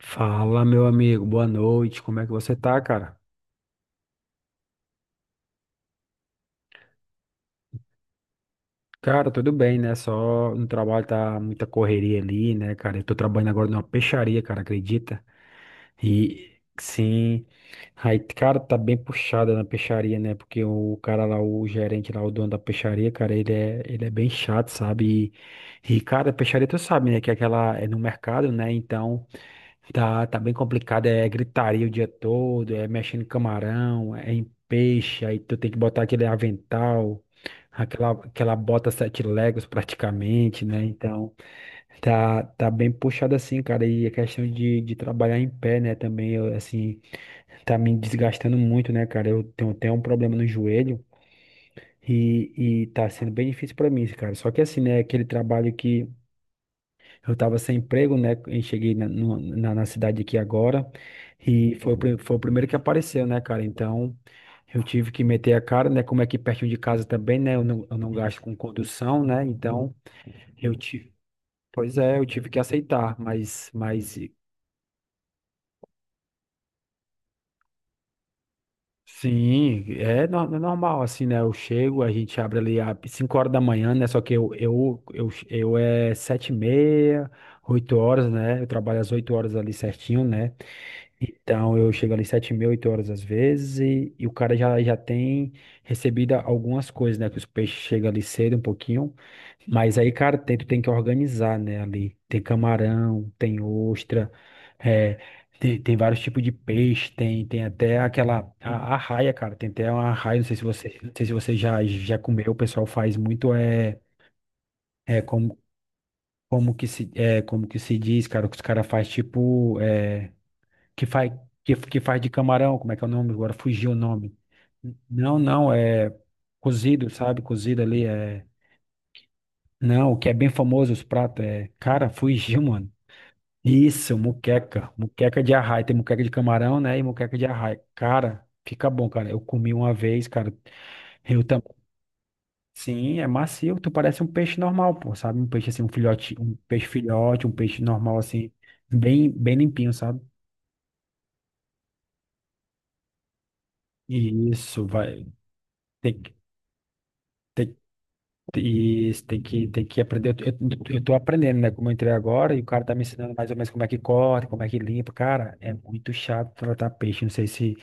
Fala, meu amigo, boa noite. Como é que você tá, cara? Cara, tudo bem, né? Só no trabalho tá muita correria ali, né, cara? Eu tô trabalhando agora numa peixaria, cara, acredita? E sim, aí, cara, tá bem puxada na peixaria, né? Porque o cara lá, o gerente lá, o dono da peixaria, cara, ele é bem chato, sabe? E, cara, peixaria tu sabe, né? Que é aquela é no mercado, né? Então. Tá bem complicado, é gritaria o dia todo, é mexendo em camarão, é em peixe, aí tu tem que botar aquele avental, aquela bota 7 legos praticamente, né? Então, tá bem puxado assim, cara, e a questão de trabalhar em pé, né, também, eu, assim, tá me desgastando muito, né, cara? Eu tenho até um problema no joelho e tá sendo bem difícil pra mim, cara. Só que assim, né, aquele trabalho que eu estava sem emprego, né? E cheguei na, no- na, na cidade aqui agora. E foi, foi o primeiro que apareceu, né, cara? Então, eu tive que meter a cara, né? Como é aqui pertinho de casa também, né? Eu não gasto com condução, né? Então, eu tive. Pois é, eu tive que aceitar. Mas sim, é normal, assim, né? Eu chego, a gente abre ali às 5 horas da manhã, né? Só que eu é 7h30, 8 horas, né? Eu trabalho às 8 horas ali certinho, né? Então, eu chego ali sete mil, oito horas às vezes, e o cara já tem recebido algumas coisas, né? Que os peixes chegam ali cedo um pouquinho. Mas aí, cara, tu tem que organizar, né? Ali tem camarão, tem ostra, é, tem vários tipos de peixe, tem até aquela arraia, cara. Tem até uma arraia, não sei se você já comeu, o pessoal faz muito, é, é como, como que se diz, cara, que os caras faz tipo. Que faz que faz de camarão, como é que é o nome? Agora fugiu o nome. Não, não, é cozido, sabe? Cozido ali é. Não, o que é bem famoso os pratos é, cara, fugiu, mano. Isso, muqueca, muqueca de arraia, tem muqueca de camarão, né? E muqueca de arraia. Cara, fica bom, cara. Eu comi uma vez, cara. Eu também. Sim, é macio, tu parece um peixe normal, pô, sabe? Um peixe assim, um filhote, um peixe normal assim, bem bem limpinho, sabe? Isso, vai. Tem, que- tem, E você tem que aprender. Eu tô aprendendo, né? Como eu entrei agora e o cara tá me ensinando mais ou menos como é que corta, como é que limpa. Cara, é muito chato tratar peixe. Não sei se,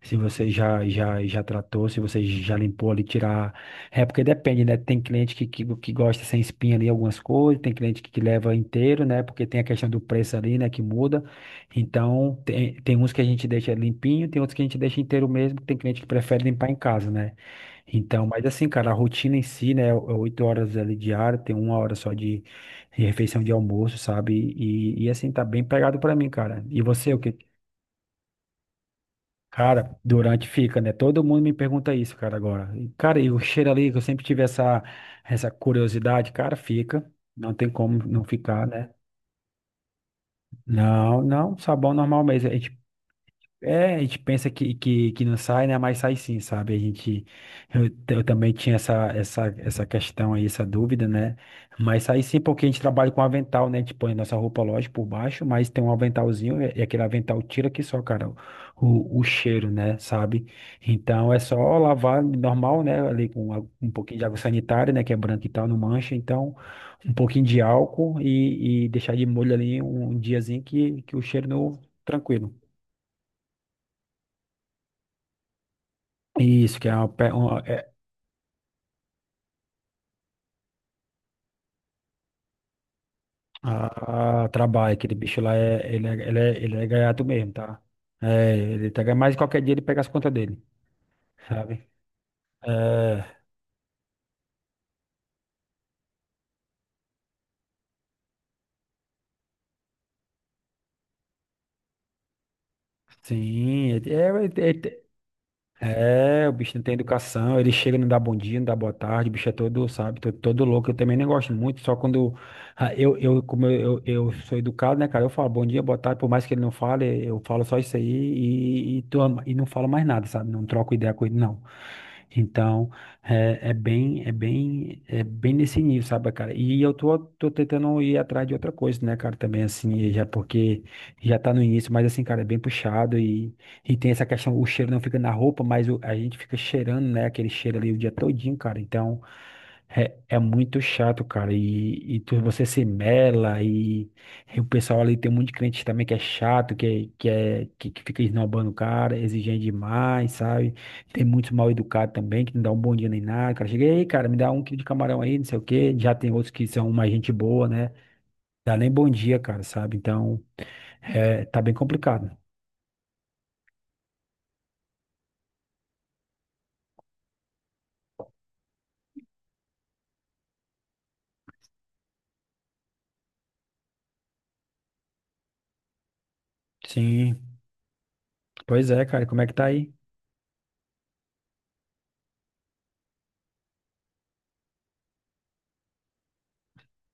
se você já tratou, se você já limpou ali, tirar. É porque depende, né? Tem cliente que gosta sem espinha ali algumas coisas, tem cliente que leva inteiro, né? Porque tem a questão do preço ali, né? Que muda. Então, tem, tem uns que a gente deixa limpinho, tem outros que a gente deixa inteiro mesmo. Tem cliente que prefere limpar em casa, né? Então, mas assim, cara, a rotina em si, né, é 8 horas ali diária, tem uma hora só de refeição de almoço, sabe? E, assim, tá bem pegado pra mim, cara. E você, o que? Cara, durante fica, né? Todo mundo me pergunta isso, cara, agora. E, cara, e o cheiro ali, que eu sempre tive essa curiosidade, cara, fica. Não tem como não ficar, né? Não, não, sabão normal mesmo. A gente... É, a gente pensa que não sai, né? Mas sai sim, sabe? A gente, eu, t- eu também tinha essa questão aí, essa dúvida, né? Mas sai sim porque a gente trabalha com avental, né? A gente põe nossa roupa, lógico, por baixo, mas tem um aventalzinho e aquele avental tira que só, cara, o cheiro, né? Sabe? Então é só lavar normal, né? Ali com um pouquinho de água sanitária, né? Que é branca e tal, não mancha. Então, um pouquinho de álcool e deixar de molho ali um, um diazinho que o cheiro não... Tranquilo. Isso, que é uma, uma- é, a trabalho, aquele bicho lá, é, ele é gaiato mesmo, tá? É, ele tá, mas qualquer dia ele pega as contas dele, sabe? É, sim, é, é, é, é, o bicho não tem educação, ele chega e não dá bom dia, não dá boa tarde, o bicho é todo, sabe, todo, todo louco. Eu também não gosto muito, só quando ah, eu, eu sou educado, né, cara, eu falo bom dia, boa tarde, por mais que ele não fale, eu falo só isso aí e não falo mais nada, sabe, não troco ideia com ele, não. Então, é bem nesse nível, sabe, cara? E eu tô tentando ir atrás de outra coisa, né, cara, também, assim, já porque já tá no início, mas assim, cara, é bem puxado e tem essa questão, o cheiro não fica na roupa, mas a gente fica cheirando, né? Aquele cheiro ali o dia todinho, cara. Então é, é muito chato, cara. E tu, você se mela e o pessoal ali tem um monte de crente também que é chato, que fica esnobando o cara, exigente demais, sabe? Tem muito mal educado também, que não dá um bom dia nem nada. Cara, chega aí, cara, me dá 1 quilo de camarão aí, não sei o quê. Já tem outros que são mais gente boa, né? Dá nem bom dia, cara, sabe? Então é, tá bem complicado. Sim, pois é, cara, como é que tá aí?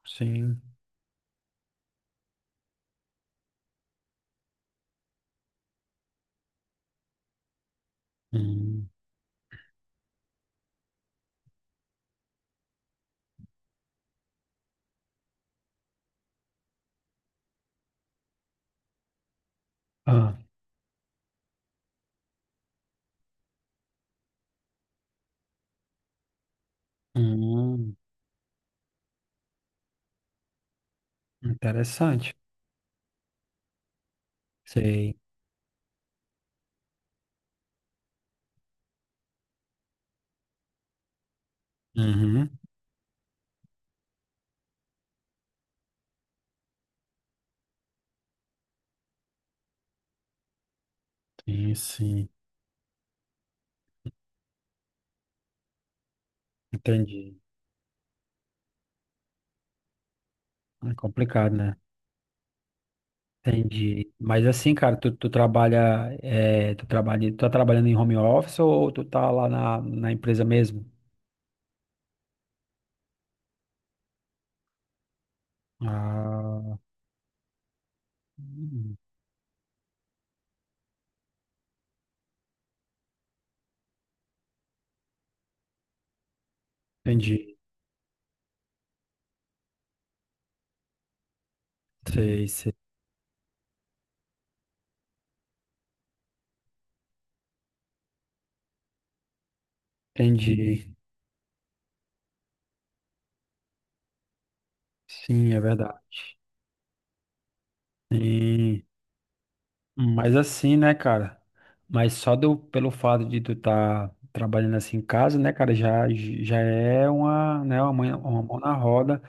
Sim. Hum. Ah. Hum. Interessante. Sei. Uhum. Sim, sim. Entendi. É complicado, né? Entendi. Mas assim, cara, tu, tu trabalha, é, tu trabalha, tu tá trabalhando em home office ou tu tá lá na empresa mesmo? Ah, entendi. Sei, sei. Entendi. Sim, é verdade. Sim. Mas assim, né, cara? Mas só pelo fato de tu tá trabalhando assim em casa, né, cara, já é uma mão na roda,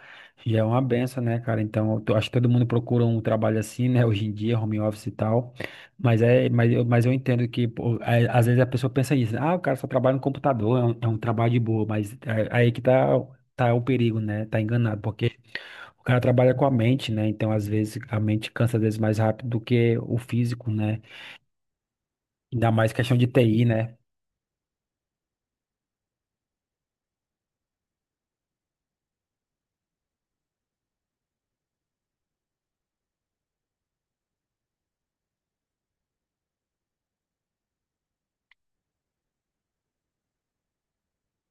já é uma benção, né, cara? Então, eu tô... acho que todo mundo procura um trabalho assim, né, hoje em dia, home office e tal. Mas é, mas eu entendo que, pô, é, às vezes a pessoa pensa isso, ah, o cara só trabalha no computador, é um trabalho de boa, mas aí que tá, o perigo, né? Tá enganado, porque o cara trabalha com a mente, né? Então, às vezes, a mente cansa às vezes mais rápido do que o físico, né? Ainda mais questão de TI, né?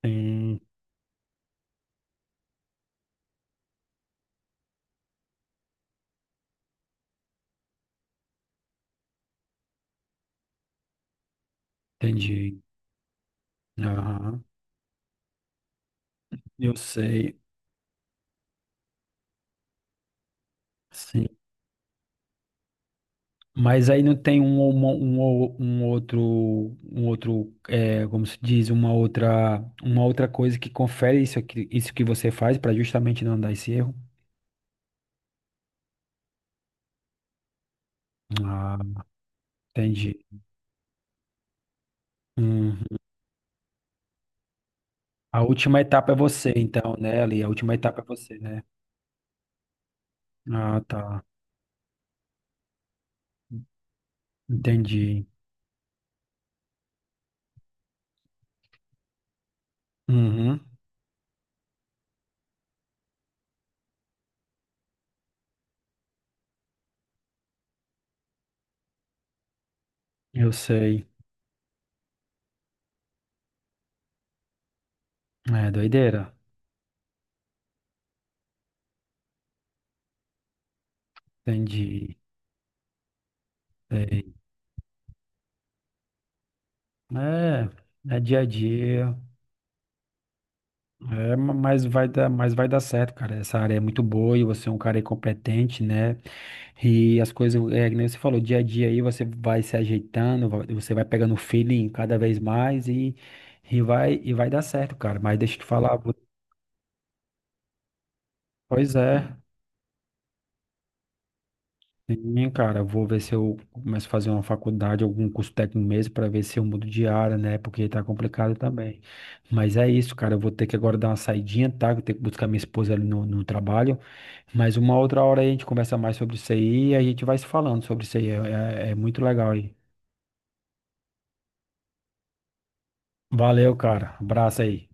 Hum, entendi. Aham, eu sei. Sim. Mas aí não tem um outro, é, como se diz, uma outra coisa que confere isso aqui, isso que você faz para justamente não dar esse erro. Ah, entendi. Uhum. A última etapa é você, então, né, Ali? A última etapa é você, né? Ah, tá. Entendi. Uhum, eu sei. É doideira. Entendi. Sei. É, é dia a dia. É, mas mas vai dar certo, cara. Essa área é muito boa e você é um cara aí competente, né? E as coisas, é, que nem você falou, dia a dia aí você vai se ajeitando, você vai pegando o feeling cada vez mais e vai dar certo, cara. Mas deixa eu te falar, pois é. Sim, cara, eu vou ver se eu começo a fazer uma faculdade, algum curso técnico mesmo, para ver se eu mudo de área, né? Porque tá complicado também. Mas é isso, cara, eu vou ter que agora dar uma saidinha, tá? Que eu tenho que buscar minha esposa ali no trabalho. Mas uma outra hora aí a gente conversa mais sobre isso aí e a gente vai se falando sobre isso aí. É, é muito legal aí. Valeu, cara. Abraço aí.